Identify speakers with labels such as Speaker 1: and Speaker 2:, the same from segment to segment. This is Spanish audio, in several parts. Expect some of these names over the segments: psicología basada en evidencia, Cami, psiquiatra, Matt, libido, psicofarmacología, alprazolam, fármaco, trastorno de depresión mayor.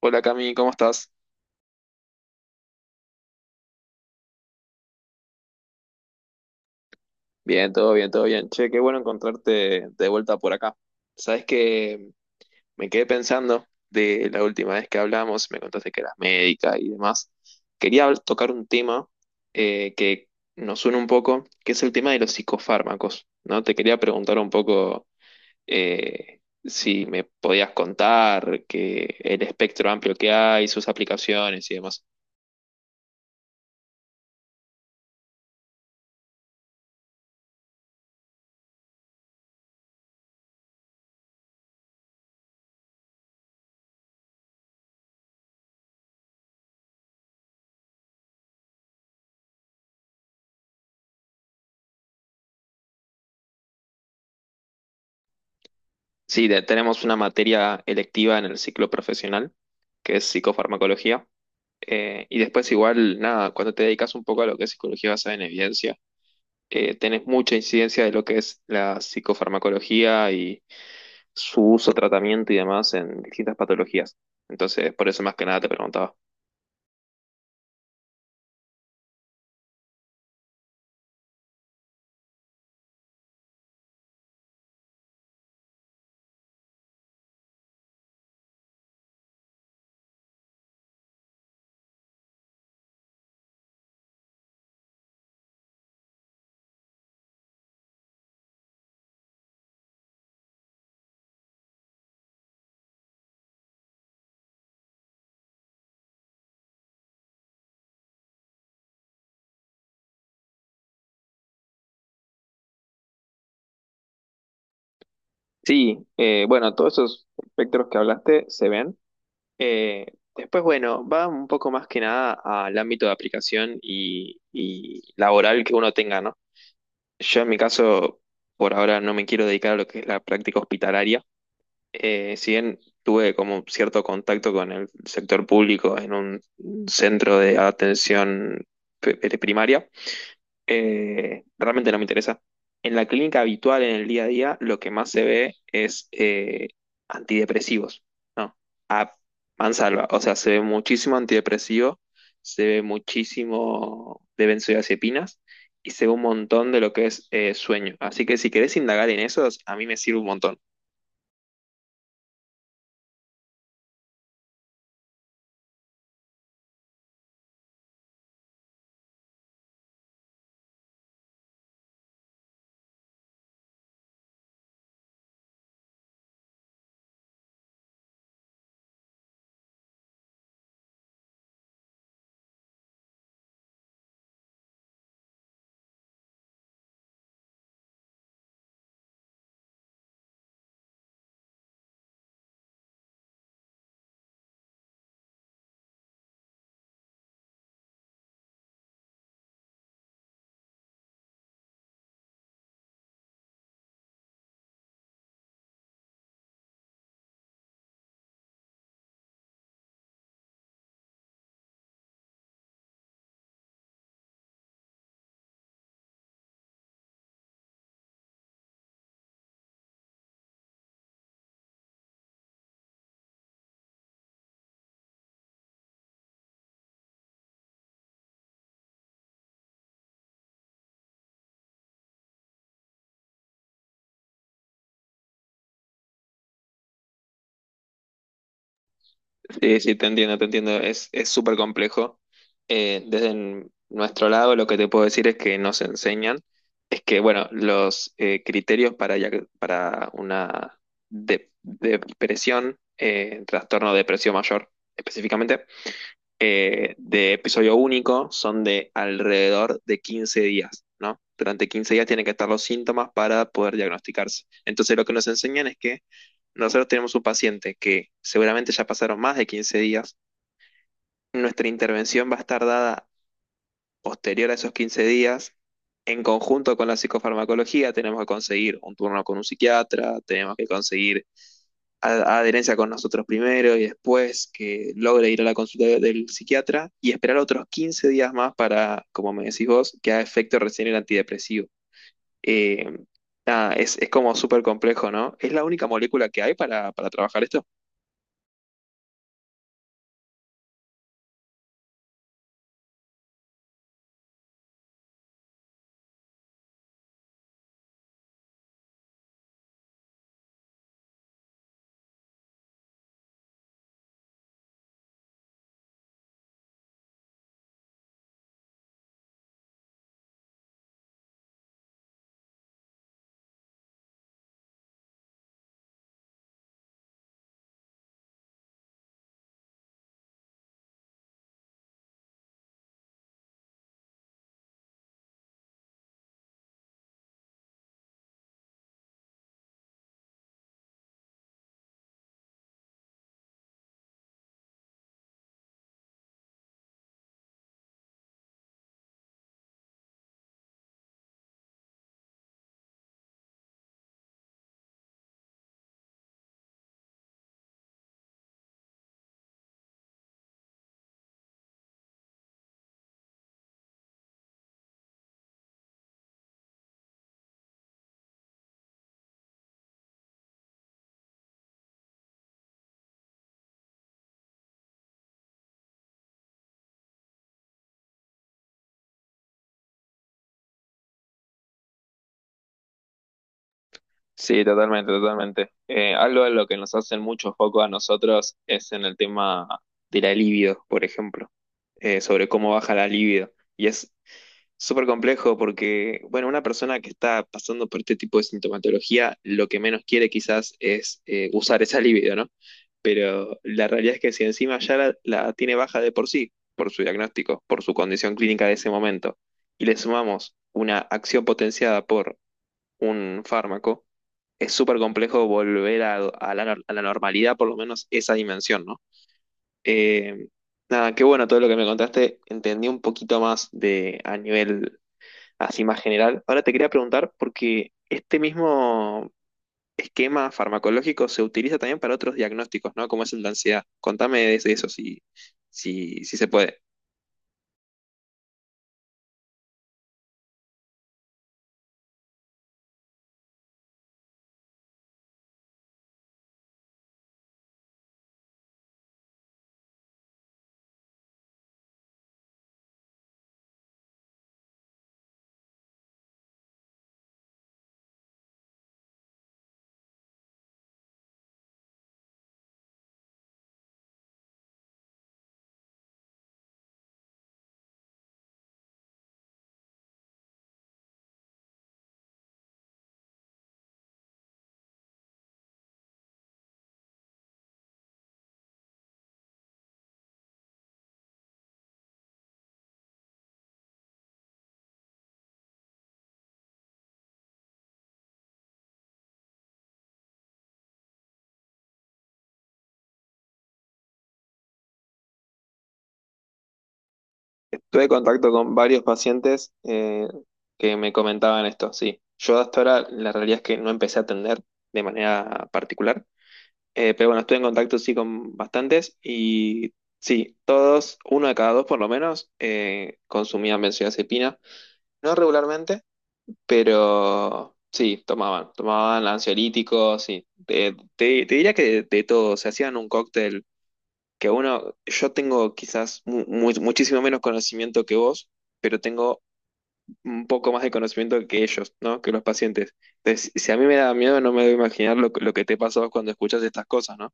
Speaker 1: Hola Cami, ¿cómo estás? Bien, todo bien, todo bien. Che, qué bueno encontrarte de vuelta por acá. Sabes que me quedé pensando de la última vez que hablamos, me contaste que eras médica y demás. Quería tocar un tema, que nos suena un poco, que es el tema de los psicofármacos, ¿no? Te quería preguntar un poco, si me podías contar que el espectro amplio que hay, sus aplicaciones y demás. Sí, tenemos una materia electiva en el ciclo profesional, que es psicofarmacología. Y después igual, nada, cuando te dedicas un poco a lo que es psicología basada en evidencia, tenés mucha incidencia de lo que es la psicofarmacología y su uso, tratamiento y demás en distintas patologías. Entonces, por eso más que nada te preguntaba. Sí, bueno, todos esos espectros que hablaste se ven. Eh, Después, bueno, va un poco más que nada al ámbito de aplicación y laboral que uno tenga, ¿no? Yo en mi caso, por ahora no me quiero dedicar a lo que es la práctica hospitalaria. Si bien tuve como cierto contacto con el sector público en un centro de atención primaria, realmente no me interesa. En la clínica habitual, en el día a día, lo que más se ve es antidepresivos, ¿no? A mansalva, o sea, se ve muchísimo antidepresivo, se ve muchísimo de benzodiazepinas y se ve un montón de lo que es sueño. Así que si querés indagar en esos, a mí me sirve un montón. Sí, sí, te entiendo, te entiendo. Es súper complejo. Desde nuestro lado, lo que te puedo decir es que nos enseñan, es que, bueno, los criterios para, para una depresión, trastorno de depresión mayor específicamente, de episodio único son de alrededor de 15 días, ¿no? Durante 15 días tienen que estar los síntomas para poder diagnosticarse. Entonces, lo que nos enseñan es que nosotros tenemos un paciente que seguramente ya pasaron más de 15 días, nuestra intervención va a estar dada posterior a esos 15 días. En conjunto con la psicofarmacología, tenemos que conseguir un turno con un psiquiatra, tenemos que conseguir adherencia con nosotros primero y después que logre ir a la consulta del psiquiatra y esperar otros 15 días más para, como me decís vos, que haga efecto recién el antidepresivo. Eh, nada, es como súper complejo, ¿no? ¿Es la única molécula que hay para trabajar esto? Sí, totalmente, totalmente. Algo de lo que nos hacen mucho foco a nosotros es en el tema de la libido, por ejemplo, sobre cómo baja la libido. Y es súper complejo porque, bueno, una persona que está pasando por este tipo de sintomatología, lo que menos quiere quizás es usar esa libido, ¿no? Pero la realidad es que si encima ya la tiene baja de por sí, por su diagnóstico, por su condición clínica de ese momento, y le sumamos una acción potenciada por un fármaco, es súper complejo volver a la, nor- a la normalidad, por lo menos esa dimensión, ¿no? Eh, nada, qué bueno todo lo que me contaste, entendí un poquito más de a nivel así más general. Ahora te quería preguntar, porque este mismo esquema farmacológico se utiliza también para otros diagnósticos, ¿no? Como es el de ansiedad. Contame de eso, si se puede. Tuve contacto con varios pacientes que me comentaban esto, sí. Yo hasta ahora la realidad es que no empecé a atender de manera particular. Pero bueno, estuve en contacto sí con bastantes y sí, todos, uno de cada dos por lo menos, consumían benzodiazepina. No regularmente, pero sí, tomaban ansiolíticos, sí. Te, te diría que de todo, se hacían un cóctel que uno, yo tengo quizás muchísimo menos conocimiento que vos, pero tengo un poco más de conocimiento que ellos, ¿no? Que los pacientes. Entonces, si a mí me da miedo, no me debo imaginar lo, lo que te pasó cuando escuchas estas cosas, ¿no?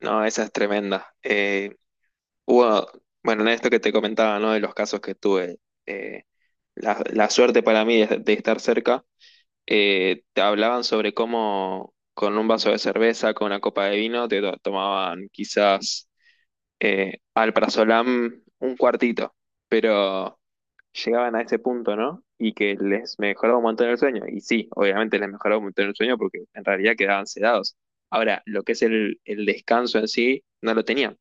Speaker 1: No, esa es tremenda. Hubo, bueno, en esto que te comentaba, ¿no? De los casos que tuve, eh, la, la suerte para mí de estar cerca, te hablaban sobre cómo con un vaso de cerveza, con una copa de vino, te tomaban quizás alprazolam un cuartito, pero llegaban a ese punto, ¿no? Y que les mejoraba un montón el sueño. Y sí, obviamente les mejoraba un montón el sueño porque en realidad quedaban sedados. Ahora, lo que es el descanso en sí, no lo tenían.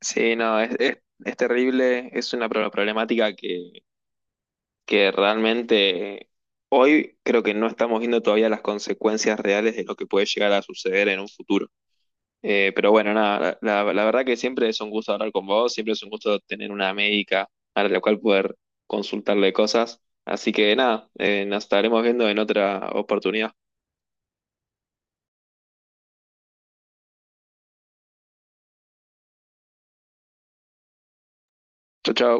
Speaker 1: Sí, no, es terrible, es una problemática que realmente hoy creo que no estamos viendo todavía las consecuencias reales de lo que puede llegar a suceder en un futuro. Pero bueno, nada, la, la verdad que siempre es un gusto hablar con vos, siempre es un gusto tener una médica a la cual poder consultarle cosas. Así que nada, nos estaremos viendo en otra oportunidad. Chau, chau.